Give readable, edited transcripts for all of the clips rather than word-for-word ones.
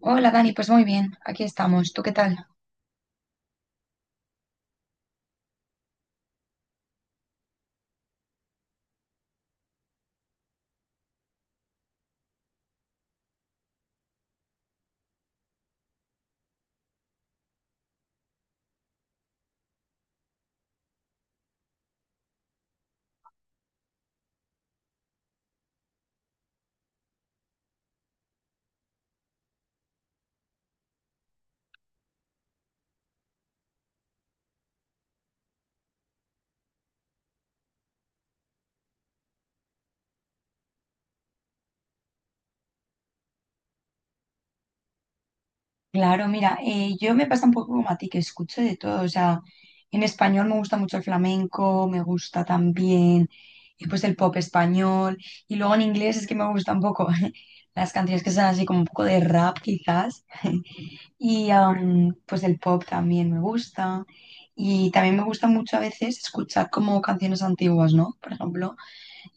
Hola Dani, pues muy bien, aquí estamos. ¿Tú qué tal? Claro, mira, yo me pasa un poco como a ti, que escucho de todo, o sea, en español me gusta mucho el flamenco, me gusta también pues el pop español, y luego en inglés es que me gusta un poco las canciones que son así como un poco de rap quizás, y pues el pop también me gusta, y también me gusta mucho a veces escuchar como canciones antiguas, ¿no? Por ejemplo.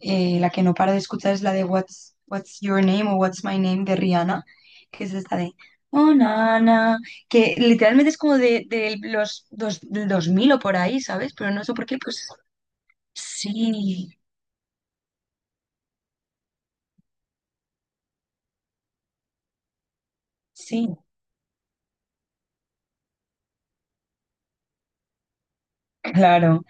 La que no paro de escuchar es la de What's Your Name o What's My Name de Rihanna, que es esta de Oh, Nana, que literalmente es como de, los dos, del 2000 o por ahí, ¿sabes? Pero no sé por qué, pues sí, sí, claro.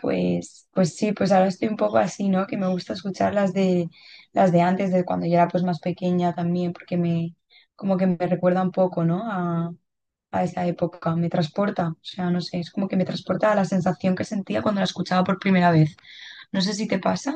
Pues sí, pues ahora estoy un poco así, ¿no? Que me gusta escuchar las de antes, de cuando yo era pues más pequeña también, porque como que me recuerda un poco, ¿no? A esa época, me transporta, o sea, no sé, es como que me transporta a la sensación que sentía cuando la escuchaba por primera vez. No sé si te pasa.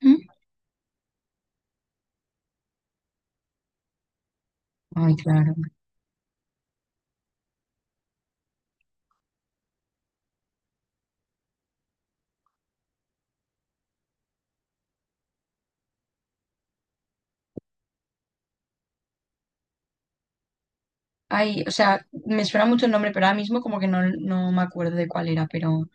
¿Mm? Ay, claro. Ay, o sea, me suena mucho el nombre, pero ahora mismo como que no, me acuerdo de cuál era, pero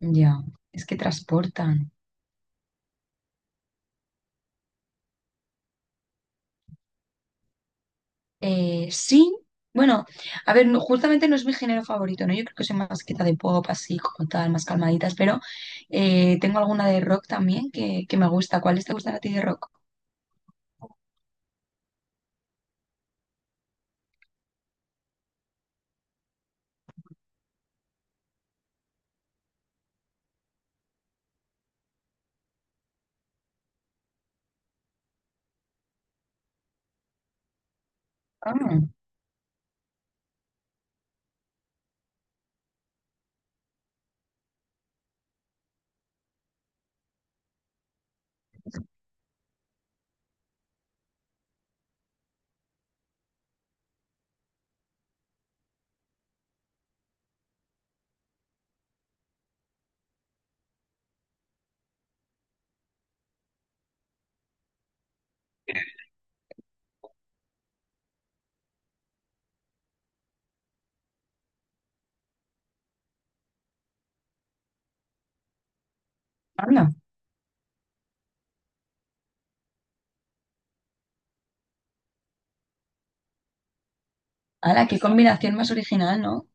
ya, es que transportan. Sí, bueno, a ver, justamente no es mi género favorito, ¿no? Yo creo que soy más quieta de pop, así como tal, más calmaditas, pero tengo alguna de rock también que me gusta. ¿Cuáles te gustan a ti de rock? Ah, anda. ¡Hala, qué combinación más original, ¿no?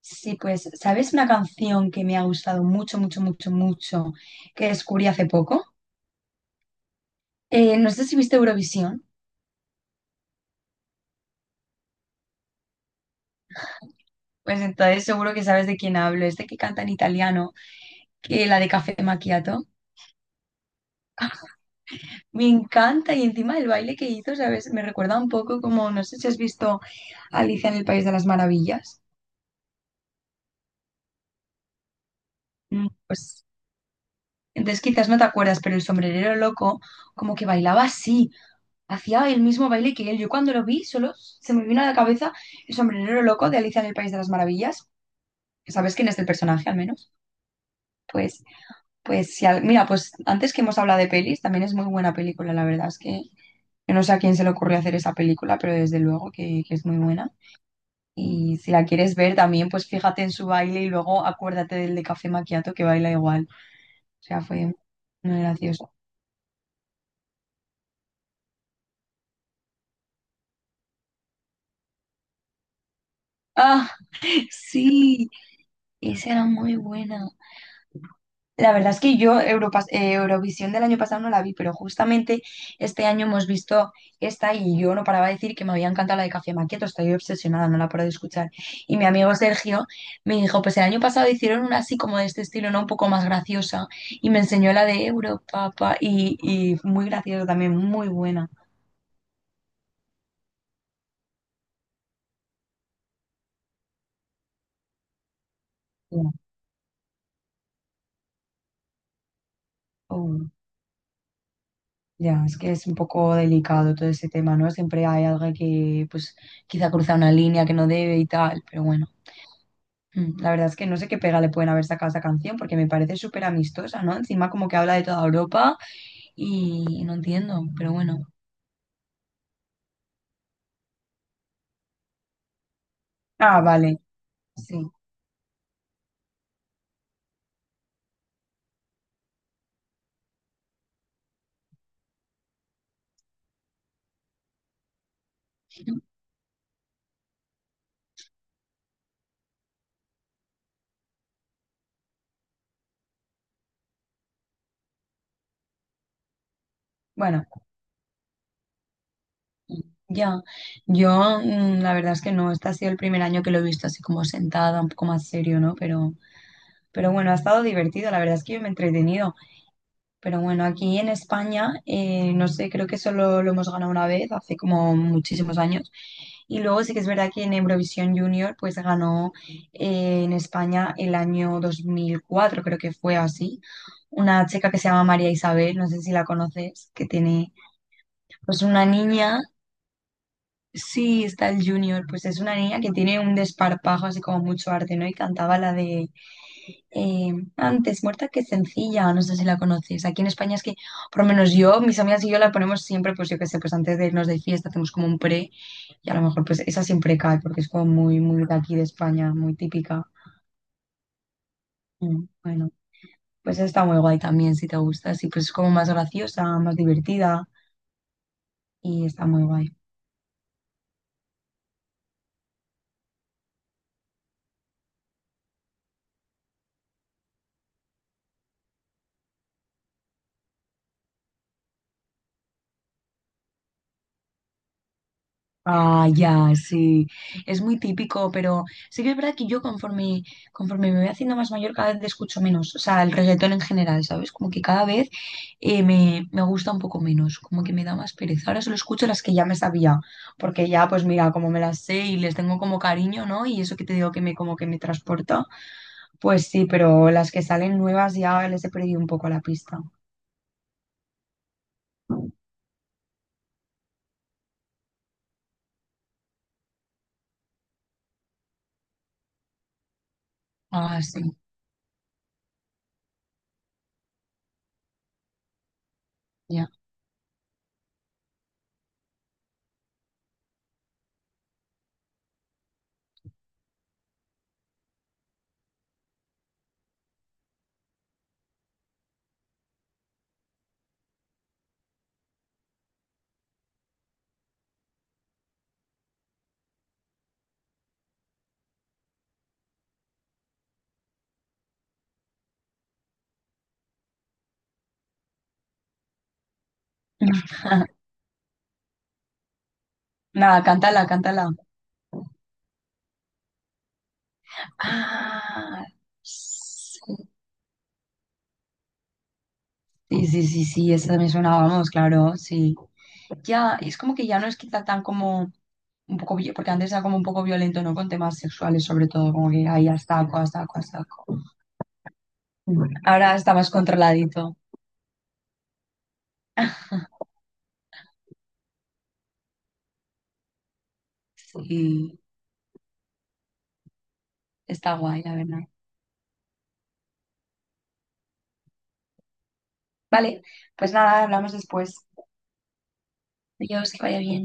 Sí, pues, ¿sabes una canción que me ha gustado mucho, mucho, mucho, mucho, que descubrí hace poco? No sé si viste Eurovisión, pues entonces seguro que sabes de quién hablo, es de que canta en italiano, que la de Café Macchiato. Me encanta y encima el baile que hizo, ¿sabes? Me recuerda un poco como, no sé si has visto Alicia en el País de las Maravillas. Pues entonces quizás no te acuerdas, pero el sombrerero loco como que bailaba así. Hacía el mismo baile que él. Yo cuando lo vi, solo se me vino a la cabeza el sombrerero loco de Alicia en el País de las Maravillas. ¿Sabes quién es el personaje, al menos? Pues, pues, si al- mira, pues antes que hemos hablado de pelis, también es muy buena película, la verdad es que yo no sé a quién se le ocurrió hacer esa película, pero desde luego que es muy buena. Y si la quieres ver también, pues fíjate en su baile y luego acuérdate del de Café Macchiato que baila igual. O sea, fue muy gracioso. ¡Ah! Sí, esa era muy buena. La verdad es que yo Eurovisión del año pasado no la vi, pero justamente este año hemos visto esta y yo no paraba de decir que me había encantado la de Café Maquieto, estoy obsesionada, no la paro de escuchar. Y mi amigo Sergio me dijo, pues el año pasado hicieron una así como de este estilo, ¿no? Un poco más graciosa y me enseñó la de Europa y muy graciosa también, muy buena. Ya, oh, ya, es que es un poco delicado todo ese tema, ¿no? Siempre hay alguien que pues quizá cruza una línea que no debe y tal, pero bueno. La verdad es que no sé qué pega le pueden haber sacado a esa canción porque me parece súper amistosa, ¿no? Encima como que habla de toda Europa y no entiendo, pero bueno. Ah, vale, sí. Bueno, ya. Yo la verdad es que no, este ha sido el primer año que lo he visto así como sentada, un poco más serio, ¿no? Pero bueno, ha estado divertido, la verdad es que yo me he entretenido. Pero bueno, aquí en España, no sé, creo que solo lo hemos ganado una vez, hace como muchísimos años. Y luego sí que es verdad que en Eurovisión Junior, pues ganó en España el año 2004 creo que fue así, una chica que se llama María Isabel, no sé si la conoces, que tiene pues una niña, sí, está el Junior, pues es una niña que tiene un desparpajo así como mucho arte, ¿no? Y cantaba la de antes muerta que sencilla, no sé si la conoces. Aquí en España es que, por lo menos yo, mis amigas y yo la ponemos siempre, pues yo qué sé, pues antes de irnos de fiesta hacemos como un pre y a lo mejor pues esa siempre cae porque es como muy, muy de aquí de España, muy típica. Bueno, pues está muy guay también si te gusta, sí, pues es como más graciosa, más divertida y está muy guay. Ah, ya, sí. Es muy típico, pero sí que es verdad que yo conforme, me voy haciendo más mayor, cada vez le escucho menos. O sea, el reggaetón en general, ¿sabes? Como que cada vez me gusta un poco menos, como que me da más pereza. Ahora solo escucho las que ya me sabía, porque ya, pues mira, como me las sé y les tengo como cariño, ¿no? Y eso que te digo que me como que me transporta, pues sí, pero las que salen nuevas ya les he perdido un poco la pista. Ah, sí, ya. Nada, cántala, cántala. Ah, sí, sí, sí, sí, esa me sonaba, vamos, claro, sí. Ya, es como que ya no es quizá tan como un poco, porque antes era como un poco violento, ¿no? Con temas sexuales, sobre todo, como que ahí hasta saco, a saco, a saco. Ahora está más controladito. Sí, está guay, la verdad. Vale, pues nada, hablamos después. Adiós, que vaya bien.